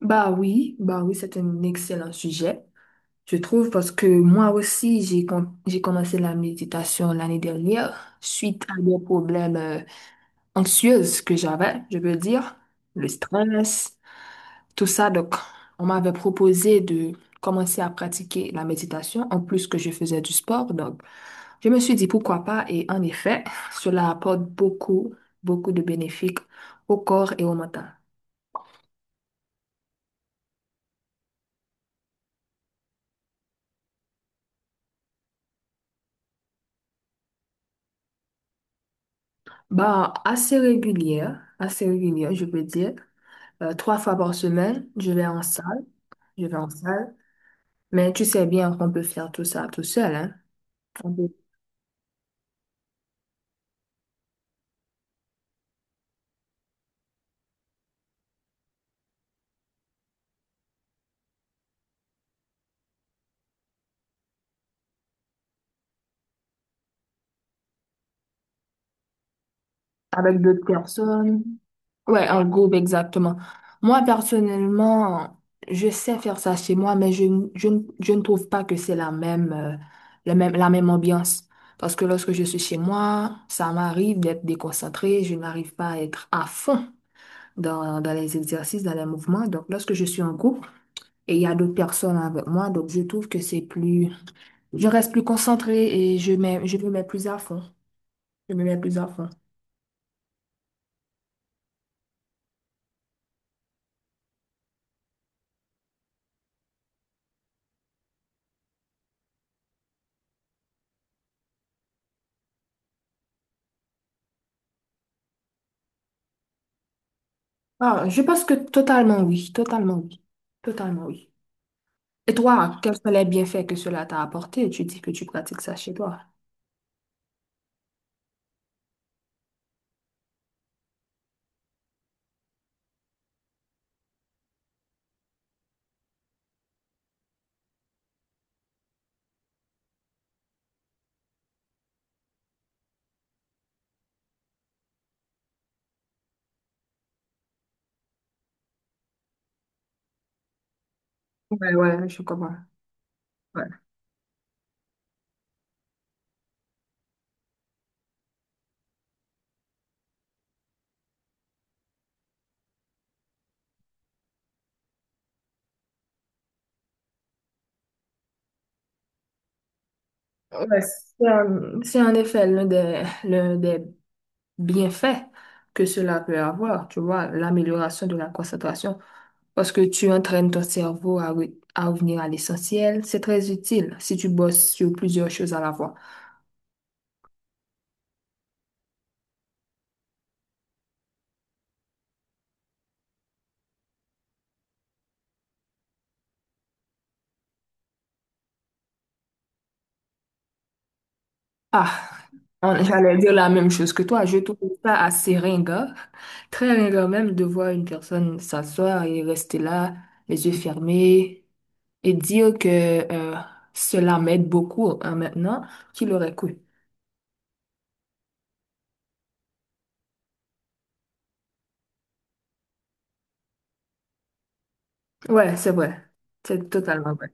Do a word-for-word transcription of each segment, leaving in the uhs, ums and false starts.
Bah oui, bah oui, c'est un excellent sujet, je trouve, parce que moi aussi, j'ai com- j'ai commencé la méditation l'année dernière suite à des problèmes euh, anxieux que j'avais, je veux dire, le stress, tout ça. Donc, on m'avait proposé de commencer à pratiquer la méditation, en plus que je faisais du sport. Donc, je me suis dit pourquoi pas, et en effet, cela apporte beaucoup, beaucoup de bénéfices au corps et au mental. Bah, assez régulière, assez régulière, je peux dire. Euh, trois fois par semaine, je vais en salle, je vais en salle. Mais tu sais bien qu'on peut faire tout ça tout seul, hein. On peut- Avec d'autres personnes. Ouais, en groupe, exactement. Moi, personnellement, je sais faire ça chez moi, mais je, n- je, n- je ne trouve pas que c'est la même, euh, la même, la même ambiance. Parce que lorsque je suis chez moi, ça m'arrive d'être déconcentrée, je n'arrive pas à être à fond dans, dans les exercices, dans les mouvements. Donc, lorsque je suis en groupe et il y a d'autres personnes avec moi, donc je trouve que c'est plus, je reste plus concentrée et je mets, je me mets plus à fond. Je me mets plus à fond. Ah, je pense que totalement oui, totalement oui, totalement oui. Et toi, quels sont les bienfaits que cela t'a apporté? Tu dis que tu pratiques ça chez toi. Ouais, ouais, je comprends. Ouais. Ouais, c'est un- c'est en effet l'un des, l'un des bienfaits que cela peut avoir, tu vois, l'amélioration de la concentration, parce que tu entraînes ton cerveau à, re- à revenir à l'essentiel. C'est très utile si tu bosses sur plusieurs choses à la fois. Ah, on- j'allais dire la même chose que toi. Je trouve ça assez ringard, très ringard même de voir une personne s'asseoir et rester là, les yeux fermés, et dire que euh, cela m'aide beaucoup hein, maintenant qu'il aurait cru. Ouais, c'est vrai. C'est totalement vrai.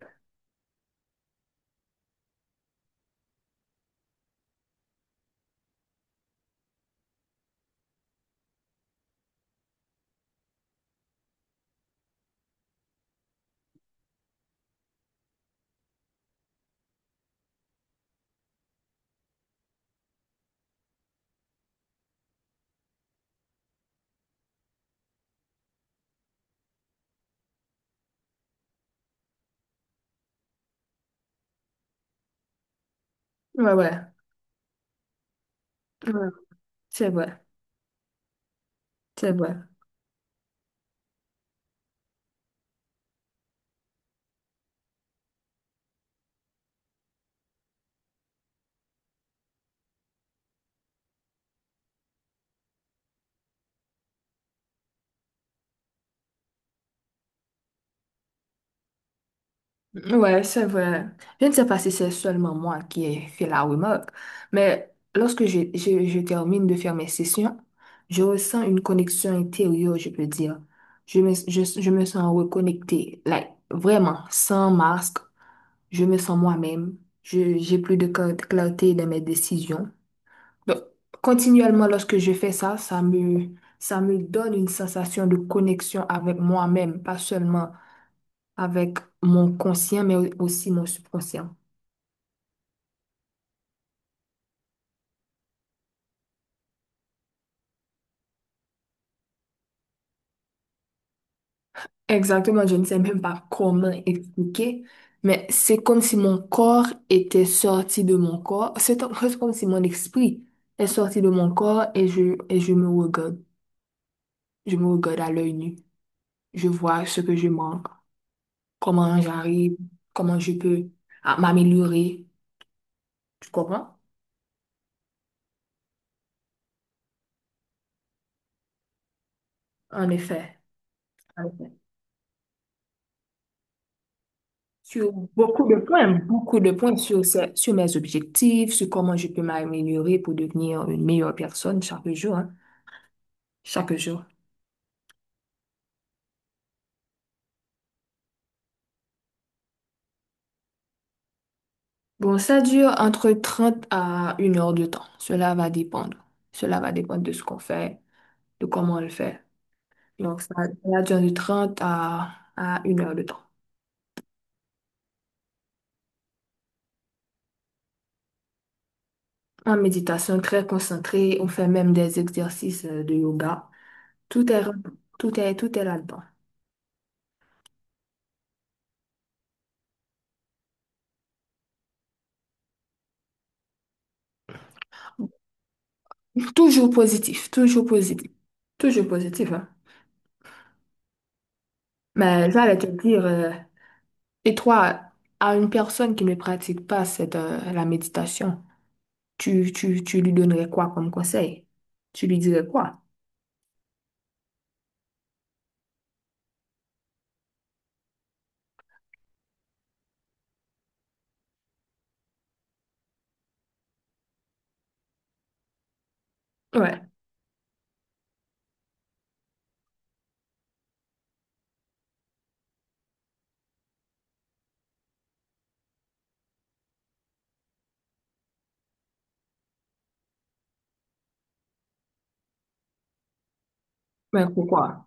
Ouais, ouais. Ouais, c'est vrai, c'est vrai. Ouais, c'est vrai. Je ne sais pas si c'est seulement moi qui ai fait la remarque, mais lorsque je, je, je termine de faire mes sessions, je ressens une connexion intérieure, je peux dire. Je me, je, je me sens reconnectée, like, vraiment, sans masque. Je me sens moi-même. Je, j'ai plus de clar- clarté dans mes décisions. Donc, continuellement, lorsque je fais ça, ça me, ça me donne une sensation de connexion avec moi-même, pas seulement avec mon conscient, mais aussi mon subconscient. Exactement, je ne sais même pas comment expliquer, mais c'est comme si mon corps était sorti de mon corps. C'est c'est comme si mon esprit est sorti de mon corps et je, et je me regarde. Je me regarde à l'œil nu. Je vois ce que je manque, comment j'arrive, comment je peux ah, m'améliorer. Tu comprends? En effet. Sur beaucoup de points, beaucoup de points sur, ce- sur mes objectifs, sur comment je peux m'améliorer pour devenir une meilleure personne chaque jour, hein, chaque jour. Bon, ça dure entre trente à une heure de temps. Cela va dépendre. Cela va dépendre de ce qu'on fait, de comment on le fait. Donc, ça, ça dure de trente à, à une heure de temps. En méditation très concentrée, on fait même des exercices euh, de yoga. Tout est, tout est, tout est là-dedans. Toujours positif, toujours positif, toujours positif, hein. Mais j'allais te dire, euh, et toi, à une personne qui ne pratique pas cette, euh, la méditation, tu, tu, tu lui donnerais quoi comme conseil? Tu lui dirais quoi? Ouais, mais pourquoi?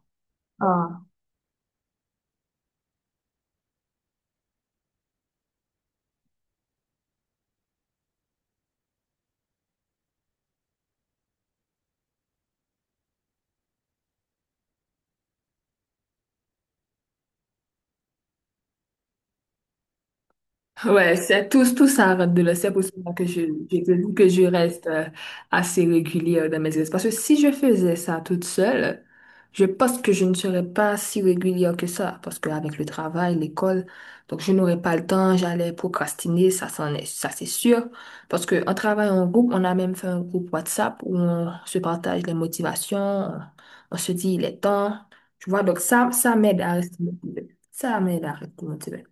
Ouais, c'est tout, tout ça rentre de là. C'est pour cela que je, je te dis que je reste euh, assez régulière dans mes espaces. Parce que si je faisais ça toute seule, je pense que je ne serais pas si régulière que ça. Parce qu'avec le travail, l'école, donc je n'aurais pas le temps, j'allais procrastiner, ça, c'en est, ça c'est sûr. Parce qu'en travaillant en groupe, on a même fait un groupe WhatsApp où on se partage les motivations, on, on se dit il est temps. Tu vois, donc ça, ça m'aide à rester motivée. Ça m'aide à rester motivée.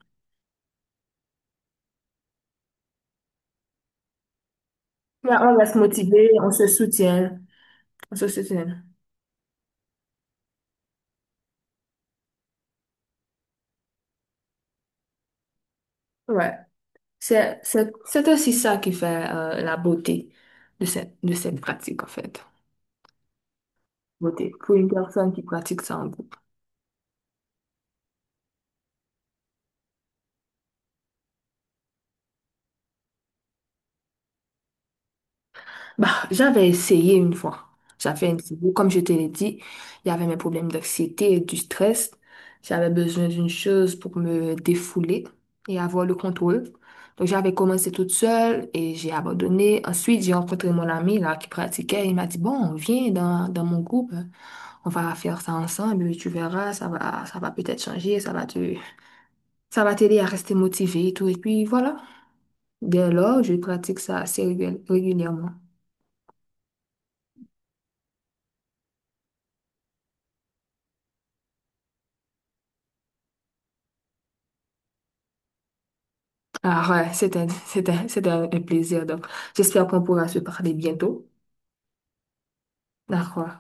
Ouais, on reste motivé, on se soutient, on se soutient. Ouais. C'est, c'est, c'est aussi ça qui fait euh, la beauté de cette, de cette pratique, en fait. Beauté. Pour une personne qui pratique ça en groupe. Bah, j'avais essayé une fois. J'avais essayé, comme je te l'ai dit, il y avait mes problèmes d'anxiété et du stress. J'avais besoin d'une chose pour me défouler et avoir le contrôle. Donc, j'avais commencé toute seule et j'ai abandonné. Ensuite, j'ai rencontré mon ami là qui pratiquait. Il m'a dit, bon, viens dans, dans mon groupe. On va faire ça ensemble. Tu verras, ça va, ça va peut-être changer. Ça va te, ça va t'aider à rester motivé et tout. Et puis, voilà. Dès lors, je pratique ça assez régul- régulièrement. Ah ouais, c'était, c'était, c'était un plaisir. Donc, j'espère qu'on pourra se parler bientôt. D'accord.